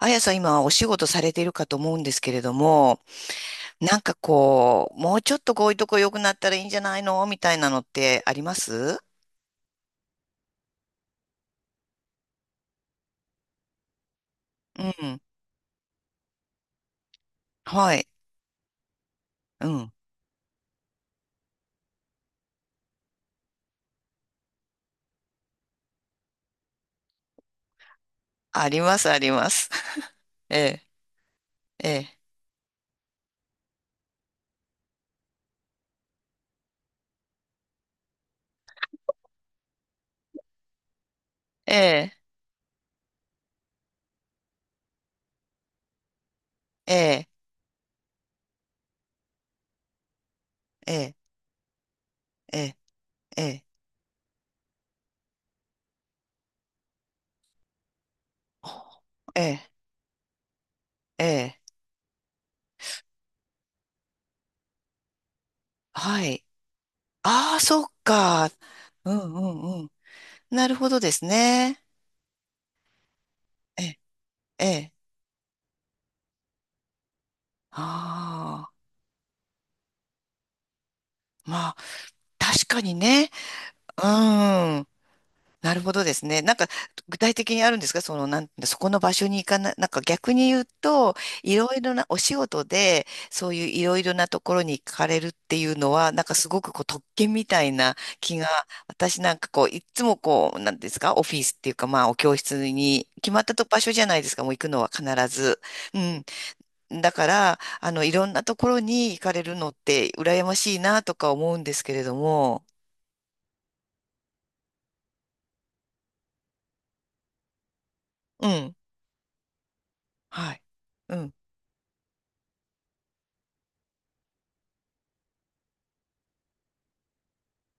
あやさん今お仕事されているかと思うんですけれども、なんかこう、もうちょっとこういうとこ良くなったらいいんじゃないのみたいなのってありますうん。はい。うん。あります、あります。ええ、ええ、ええ、ええ、ええ、ええ、ほええ、ええはい。ああ、そっか。うんうんうん。なるほどですね。ええ、ええ。ああ、まあ、確かにね。うん。なるほどですね。なんか、具体的にあるんですかその、なんて、そこの場所に行かない、なんか逆に言うと、いろいろな、お仕事で、そういういろいろなところに行かれるっていうのは、なんかすごくこう、特権みたいな気が、私なんかこう、いつもこう、なんですかオフィスっていうか、まあ、お教室に、決まったと場所じゃないですか、もう行くのは必ず。うん。だから、あの、いろんなところに行かれるのって、羨ましいなとか思うんですけれども、うん。はい。うん。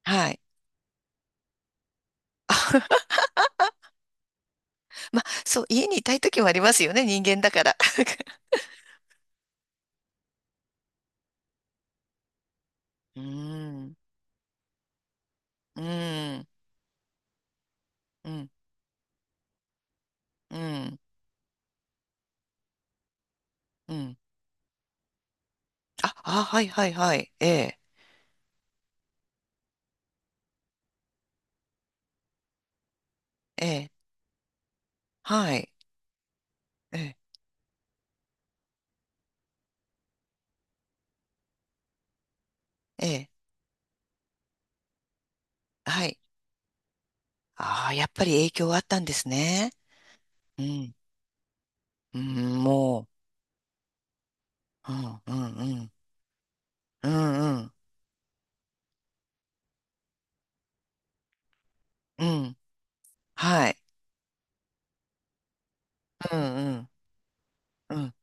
はい。まあ、そう、家にいたい時もありますよね、人間だから。うん、うん、うん、うん、うん。あ、あ、はいはいはい。ええ、ええ、はい。ええ、ええ、はい。ああ、やっぱり影響があったんですね。うん、うん、もう、うん、うん、うん、うん、うん、うん、はい。うん、うん、うん、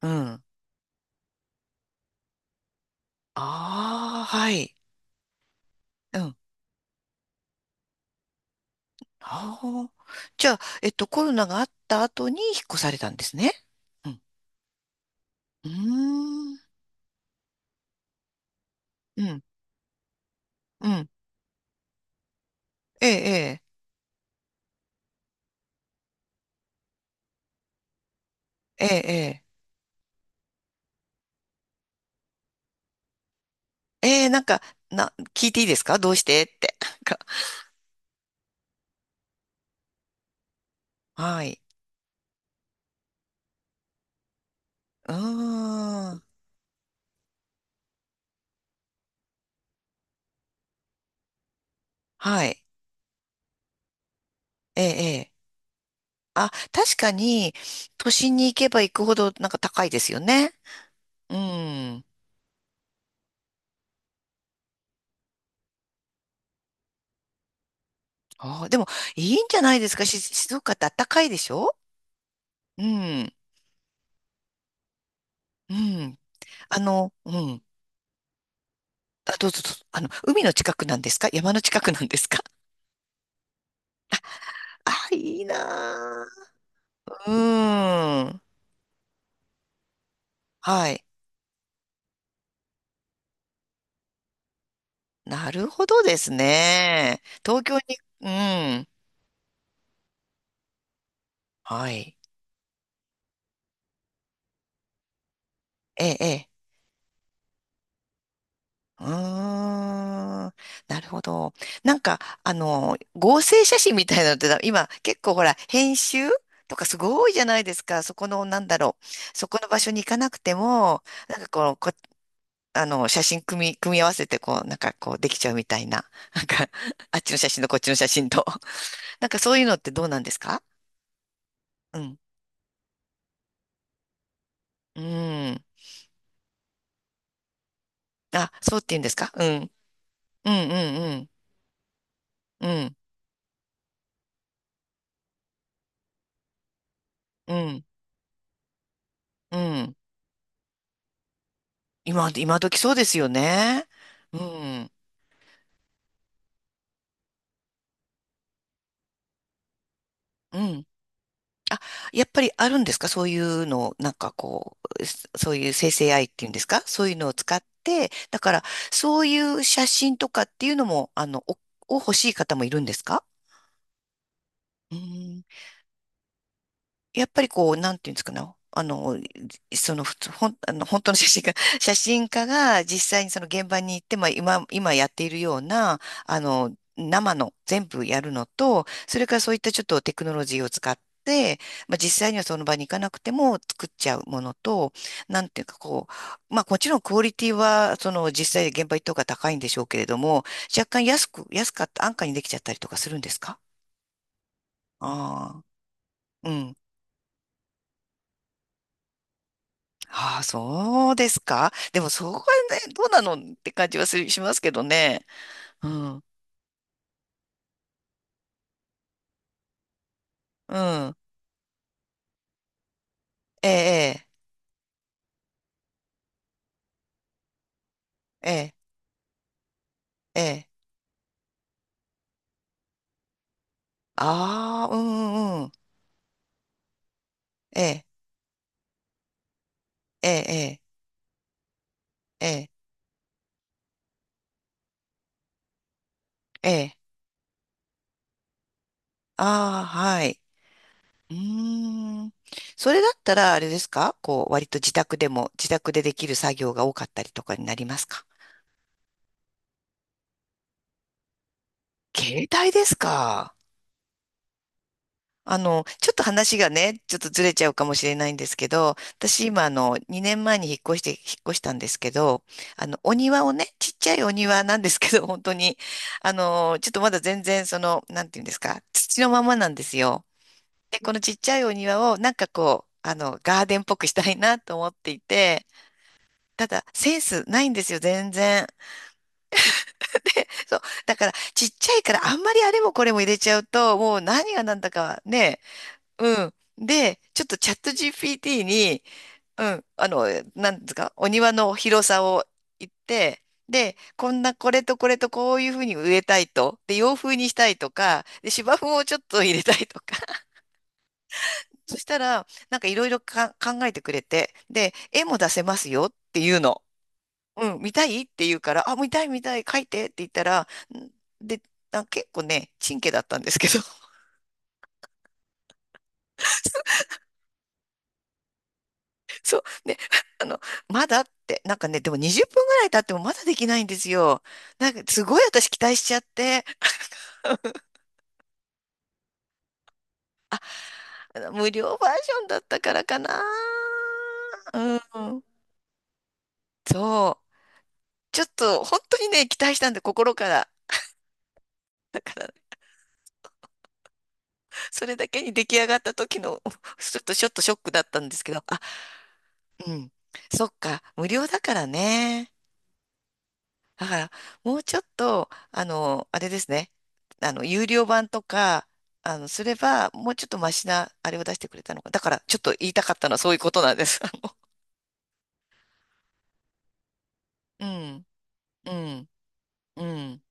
うん。ああ、はい。うん。ああ。じゃあ、えっと、コロナがあった後に引っ越されたんですね。うーん。うん。うん。ええ、ええ、ええ、ええ、ええなんか、な、聞いていいですかどうしてって。なんか、はい。うーん。はい。ええ、ええ。あ、確かに、都心に行けば行くほど、なんか高いですよね。うん。あー、でも、いいんじゃないですかし、静岡って暖かいでしょうん。うん。あの、うん。あ、どうぞどうぞ。あの、海の近くなんですか山の近くなんですか あ、いいなぁ。うーん。はい。なるほどですね。東京に、うん。はい。ええ、ええ。うーん。なるほど。なんか、あの、合成写真みたいなのって、今、結構ほら、編集とかすごいじゃないですか。そこの、なんだろう。そこの場所に行かなくても、なんかこの、あの、写真組み、組み合わせて、こう、なんかこう、できちゃうみたいな。なんか、あっちの写真とこっちの写真と。なんかそういうのってどうなんですかうん。うん。あ、そうって言うんですかうんうんうんうん。うん。うん。今時そうですよね。うん。うん。あ、やっぱりあるんですかそういうのを、なんかこう、そういう生成愛っていうんですかそういうのを使って、だから、そういう写真とかっていうのも、あの、を欲しい方もいるんですかうん。やっぱりこう、なんていうんですかね。あの、その、ふつほん、あの、本当の写真家、写真家が実際にその現場に行って、まあ、今やっているような、あの、生の全部やるのと、それからそういったちょっとテクノロジーを使って、まあ、実際にはその場に行かなくても作っちゃうものと、なんていうかこう、まあもちろんクオリティはその実際現場行った方が高いんでしょうけれども、若干安く、安かった安価にできちゃったりとかするんですかああー、うんああ、そうですか。でも、そこはね、どうなのって感じはするしますけどね。うん。うん。ええ、ええ、ええ、ええ。ああ、うんうんうん。ええ、ええ、ええ、ええ。ええああ、はい。うーん。それだったら、あれですかこう、割と自宅でも、自宅でできる作業が多かったりとかになりますか携帯ですかあの、ちょっと話がね、ちょっとずれちゃうかもしれないんですけど、私今あの、2年前に引っ越したんですけど、あの、お庭をね、ちっちゃいお庭なんですけど、本当に、あの、ちょっとまだ全然その、なんていうんですか、土のままなんですよ。で、このちっちゃいお庭をなんかこう、あの、ガーデンっぽくしたいなと思っていて、ただ、センスないんですよ、全然。そう。だから、ちっちゃいから、あんまりあれもこれも入れちゃうと、もう何が何だかね、うん。で、ちょっとチャット GPT に、うん、あの、なんですか、お庭の広さを言って、で、こんな、これとこれとこういうふうに植えたいと、で、洋風にしたいとか、で、芝生をちょっと入れたいとか、そしたら、なんかいろいろか考えてくれて、で、絵も出せますよっていうの。うん、見たいって言うから、あ、見たい見たい、描いてって言ったら、んで、あ、結構ね、チンケだったんですけど、ね、あの、まだって、なんかね、でも20分ぐらい経ってもまだできないんですよ。なんか、すごい私期待しちゃって、あの無料バージョンだったからかな。うん。そう。ちょっと、本当にね、期待したんで、心から。それだけに出来上がった時の、ちょっと、ショックだったんですけど、あ、うん。そっか、無料だからね。だから、もうちょっと、あの、あれですね。あの、有料版とか、あの、すれば、もうちょっとマシな、あれを出してくれたのか。だから、ちょっと言いたかったのはそういうことなんです。うん、うん、うん。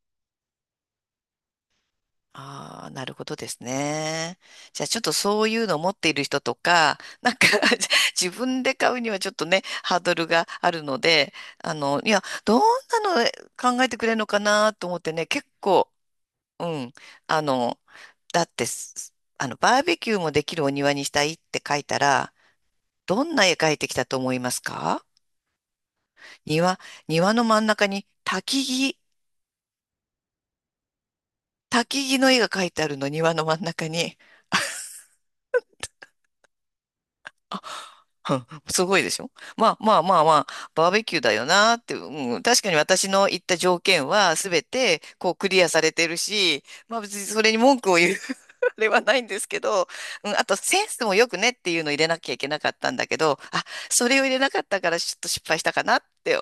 ああ、なるほどですね。じゃあ、ちょっとそういうのを持っている人とか、なんか 自分で買うにはちょっとね、ハードルがあるので、あの、いや、どんなの考えてくれるのかなと思ってね、結構、うん。あの、だってす、あの、バーベキューもできるお庭にしたいって書いたら、どんな絵描いてきたと思いますか庭、庭の真ん中に木、焚き木の絵が描いてあるの、庭の真ん中に。うんすごいでしょまあまあまあまあ、バーベキューだよなーって、うん、確かに私の言った条件は全てこうクリアされてるし、まあ別にそれに文句を言う あれはないんですけど、うん、あとセンスもよくねっていうのを入れなきゃいけなかったんだけど、あ、それを入れなかったからちょっと失敗したかなって